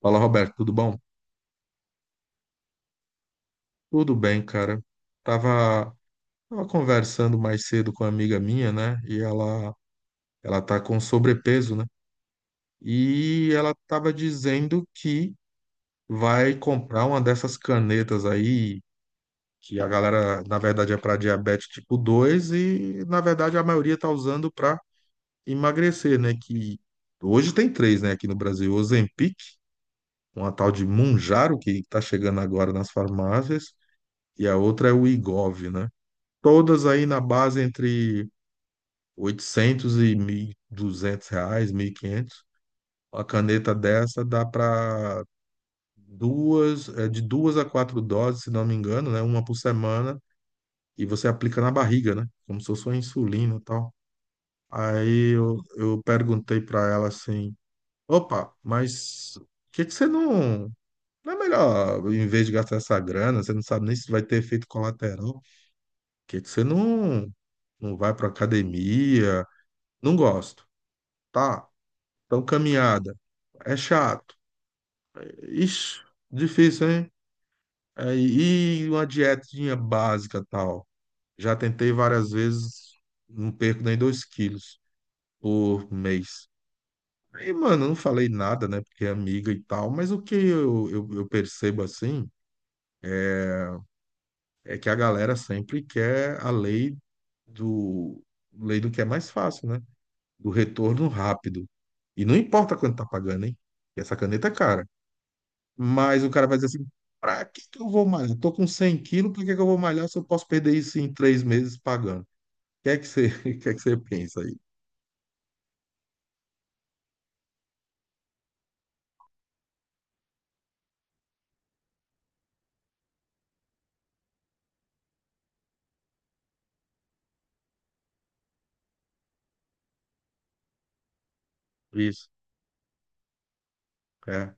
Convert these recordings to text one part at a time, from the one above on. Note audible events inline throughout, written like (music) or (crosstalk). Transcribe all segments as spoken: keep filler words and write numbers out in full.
Fala, Roberto, tudo bom? Tudo bem, cara. Tava, tava conversando mais cedo com uma amiga minha, né? E ela, ela tá com sobrepeso, né? E ela tava dizendo que vai comprar uma dessas canetas aí, que a galera, na verdade, é para diabetes tipo dois e, na verdade, a maioria tá usando para emagrecer, né? Que hoje tem três, né, aqui no Brasil, Ozempic, uma tal de Mounjaro que tá chegando agora nas farmácias, e a outra é o Wegovy, né? Todas aí na base entre oitocentos e mil e duzentos reais, mil e quinhentos. A caneta dessa dá para duas, é, de duas a quatro doses, se não me engano, né? Uma por semana e você aplica na barriga, né? Como se fosse uma insulina e tal. Aí eu, eu perguntei para ela assim, opa, mas por que que você não... Não é melhor, em vez de gastar essa grana, você não sabe nem se vai ter efeito colateral, por que que você não, não vai para academia? Não gosto. Tá, então caminhada. É chato. Ixi, difícil, hein? É, e uma dietinha básica tal. Já tentei várias vezes, não perco nem dois quilos por mês. E, mano, eu não falei nada, né? Porque é amiga e tal, mas o que eu, eu, eu percebo assim é que a galera sempre quer a lei do, lei do que é mais fácil, né? Do retorno rápido. E não importa quanto tá pagando, hein? Essa caneta é cara. Mas o cara vai dizer assim: pra que que eu vou malhar? Tô com cem quilos, por que que eu vou malhar se eu posso perder isso em três meses pagando? O que é que você, (laughs) o que é que você pensa aí? Isso. É.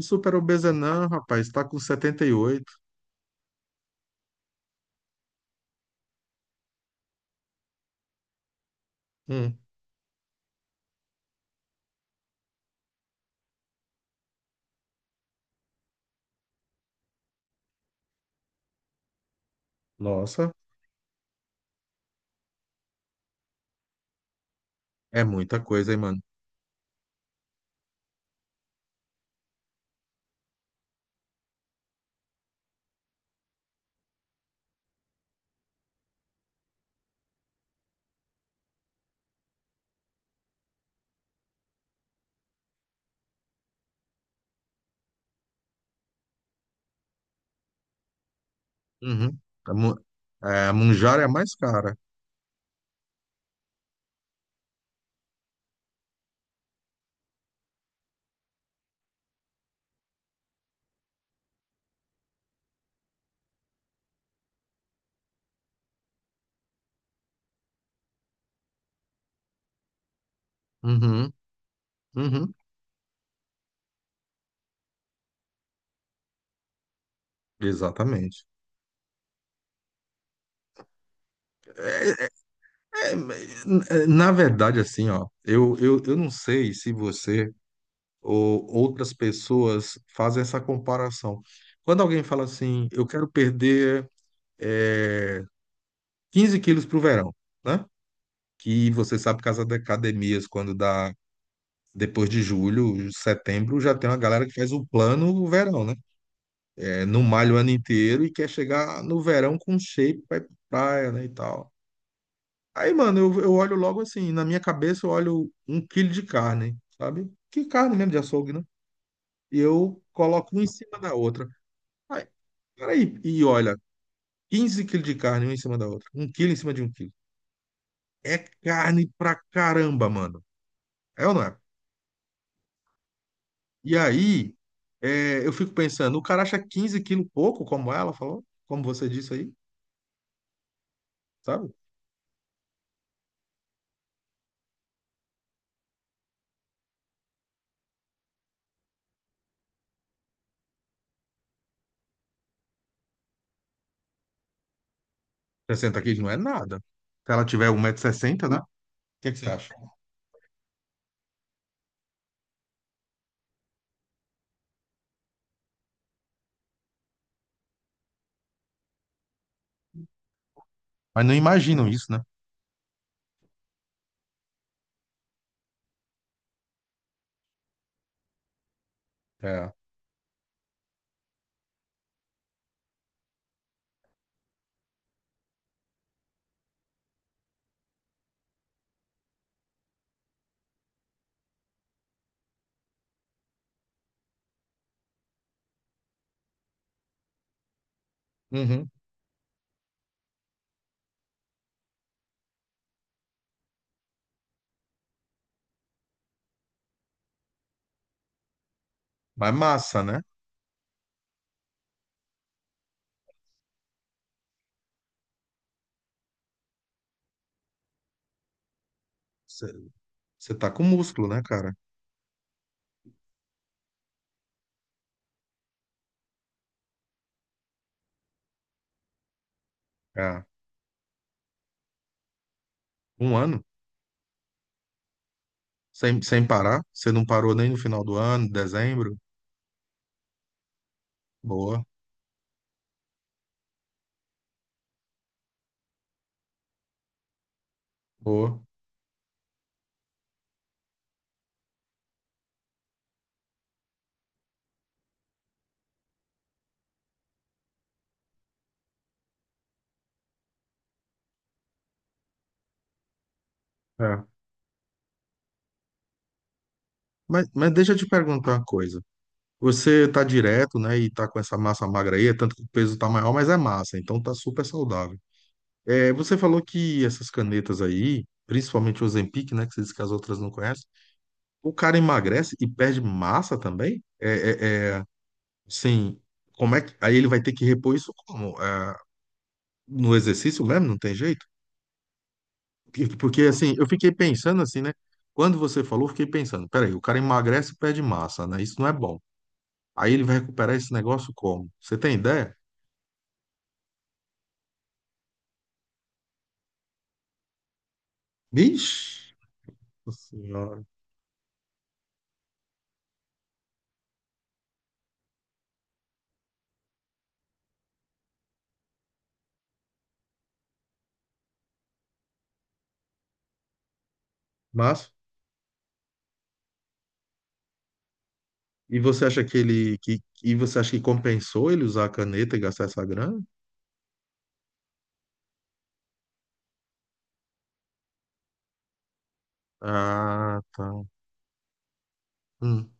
Super obesa não, rapaz. Tá com setenta e oito. Hum, nossa, é muita coisa, hein, mano? Uhum. A, mu- é, a Mounjaro é a mais cara. Uhum, uhum. Exatamente. É, é, é, Na verdade, assim, ó, eu, eu, eu não sei se você ou outras pessoas fazem essa comparação. Quando alguém fala assim, eu quero perder eh, 15 quilos para o verão, né? Que você sabe que as academias, quando dá depois de julho, setembro, já tem uma galera que faz o plano o verão, né? É, não malha o ano inteiro e quer chegar no verão com shape, vai pra praia, né, e tal. Aí, mano, eu, eu olho logo assim, na minha cabeça eu olho um quilo de carne, sabe? Que carne mesmo de açougue, né? E eu coloco uma em cima da outra. Peraí, e olha, quinze quilos de carne uma em cima da outra, um quilo em cima de um quilo. É carne pra caramba, mano. É ou não é? E aí, é, eu fico pensando, o cara acha quinze quilos pouco, como ela falou, como você disse aí, sabe? sessenta quilos não é nada. Se ela tiver um 160 sessenta, né? O que é que você acha? Mas não imaginam isso, né? É. Uhum. Mas massa, né? Você tá com músculo, né, cara? É. Um ano, sem, sem parar. Você não parou nem no final do ano, dezembro. Boa, boa. É. Mas, mas deixa eu te perguntar uma coisa. Você tá direto, né, e tá com essa massa magra aí, é tanto que o peso tá maior, mas é massa, então tá super saudável. É, você falou que essas canetas aí, principalmente o Ozempic, né, que você disse que as outras não conhecem, o cara emagrece e perde massa também? É, é, é, sim, como é que... Aí ele vai ter que repor isso como? É, no exercício mesmo, não tem jeito? Porque, porque, assim, eu fiquei pensando assim, né, quando você falou, eu fiquei pensando, peraí, o cara emagrece e perde massa, né, isso não é bom. Aí ele vai recuperar esse negócio como? Você tem ideia? Vixe, nossa senhora. Mas, e você acha que ele que e você acha que compensou ele usar a caneta e gastar essa grana? Ah, tá. Hum,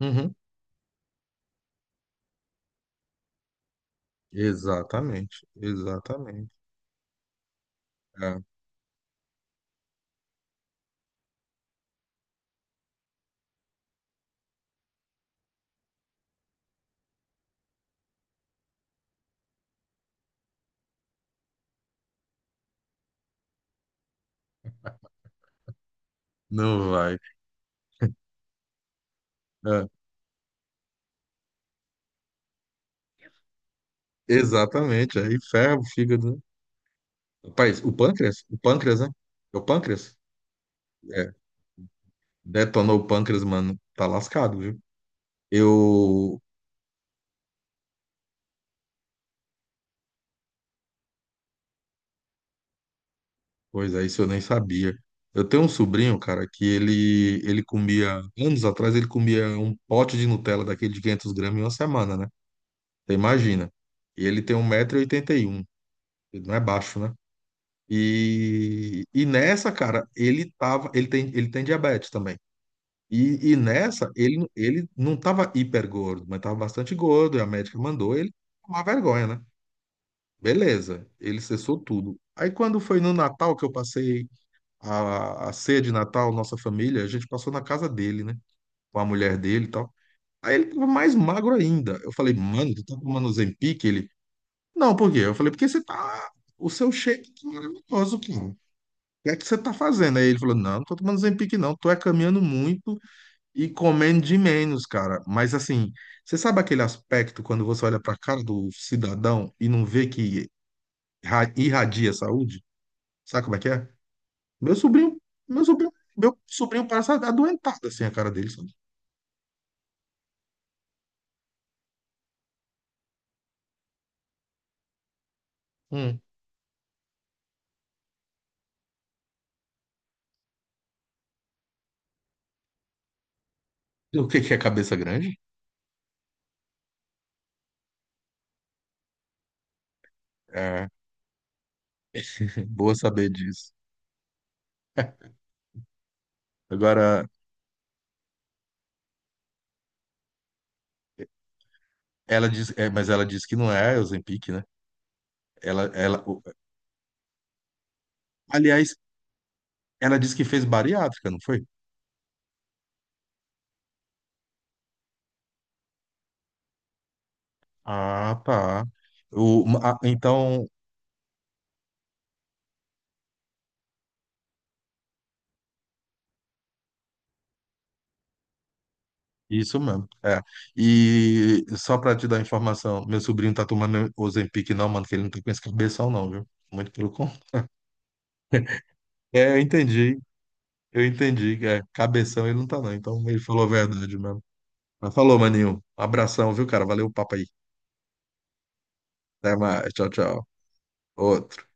uhum. Exatamente, exatamente. É, não vai. É, exatamente. Aí ferro, fígado, né? Rapaz, o pâncreas? O pâncreas, né? É o pâncreas? É. Detonou o pâncreas, mano. Tá lascado, viu? Eu, Pois é, isso eu nem sabia. Eu tenho um sobrinho, cara, que ele ele comia, anos atrás, ele comia um pote de Nutella daquele de quinhentos gramas em uma semana, né? Você imagina. E ele tem um 1,81m, ele não é baixo, né? E, e nessa, cara, ele tava, ele tem, ele tem diabetes também. E, e nessa, ele, ele não tava hiper gordo, mas tava bastante gordo, e a médica mandou ele tomar vergonha, né? Beleza, ele cessou tudo. Aí quando foi no Natal que eu passei a, a ceia de Natal, nossa família, a gente passou na casa dele, né? Com a mulher dele e tal. Aí ele tava mais magro ainda. Eu falei, mano, tu tá tomando Ozempic? Ele, não, por quê? Eu falei, porque você tá. O seu shake tá maravilhoso, cara. O que é que você tá fazendo? Aí ele falou, não, não tô tomando Ozempic, não. Tô é caminhando muito e comendo de menos, cara. Mas assim, você sabe aquele aspecto quando você olha pra cara do cidadão e não vê que irra- irradia saúde? Sabe como é que é? Meu sobrinho, meu sobrinho, meu sobrinho passa adoentado assim a cara dele, sabe? Hum. O que que é cabeça grande? É, (laughs) boa saber disso. Agora, ela diz, é, mas ela diz que não é Ozempic, né? Ela, ela, o- aliás, ela disse que fez bariátrica, não foi? Ah, tá. O, a- então, isso mesmo. É. E só pra te dar informação, meu sobrinho tá tomando Ozempic, não, mano, que ele não tá com esse cabeção, não, viu? Muito pelo contrário. É, eu entendi. Eu entendi que é cabeção ele não tá, não. Então ele falou a verdade mesmo. Mas falou, maninho. Um abração, viu, cara? Valeu o papo aí. Até mais. Tchau, tchau. Outro.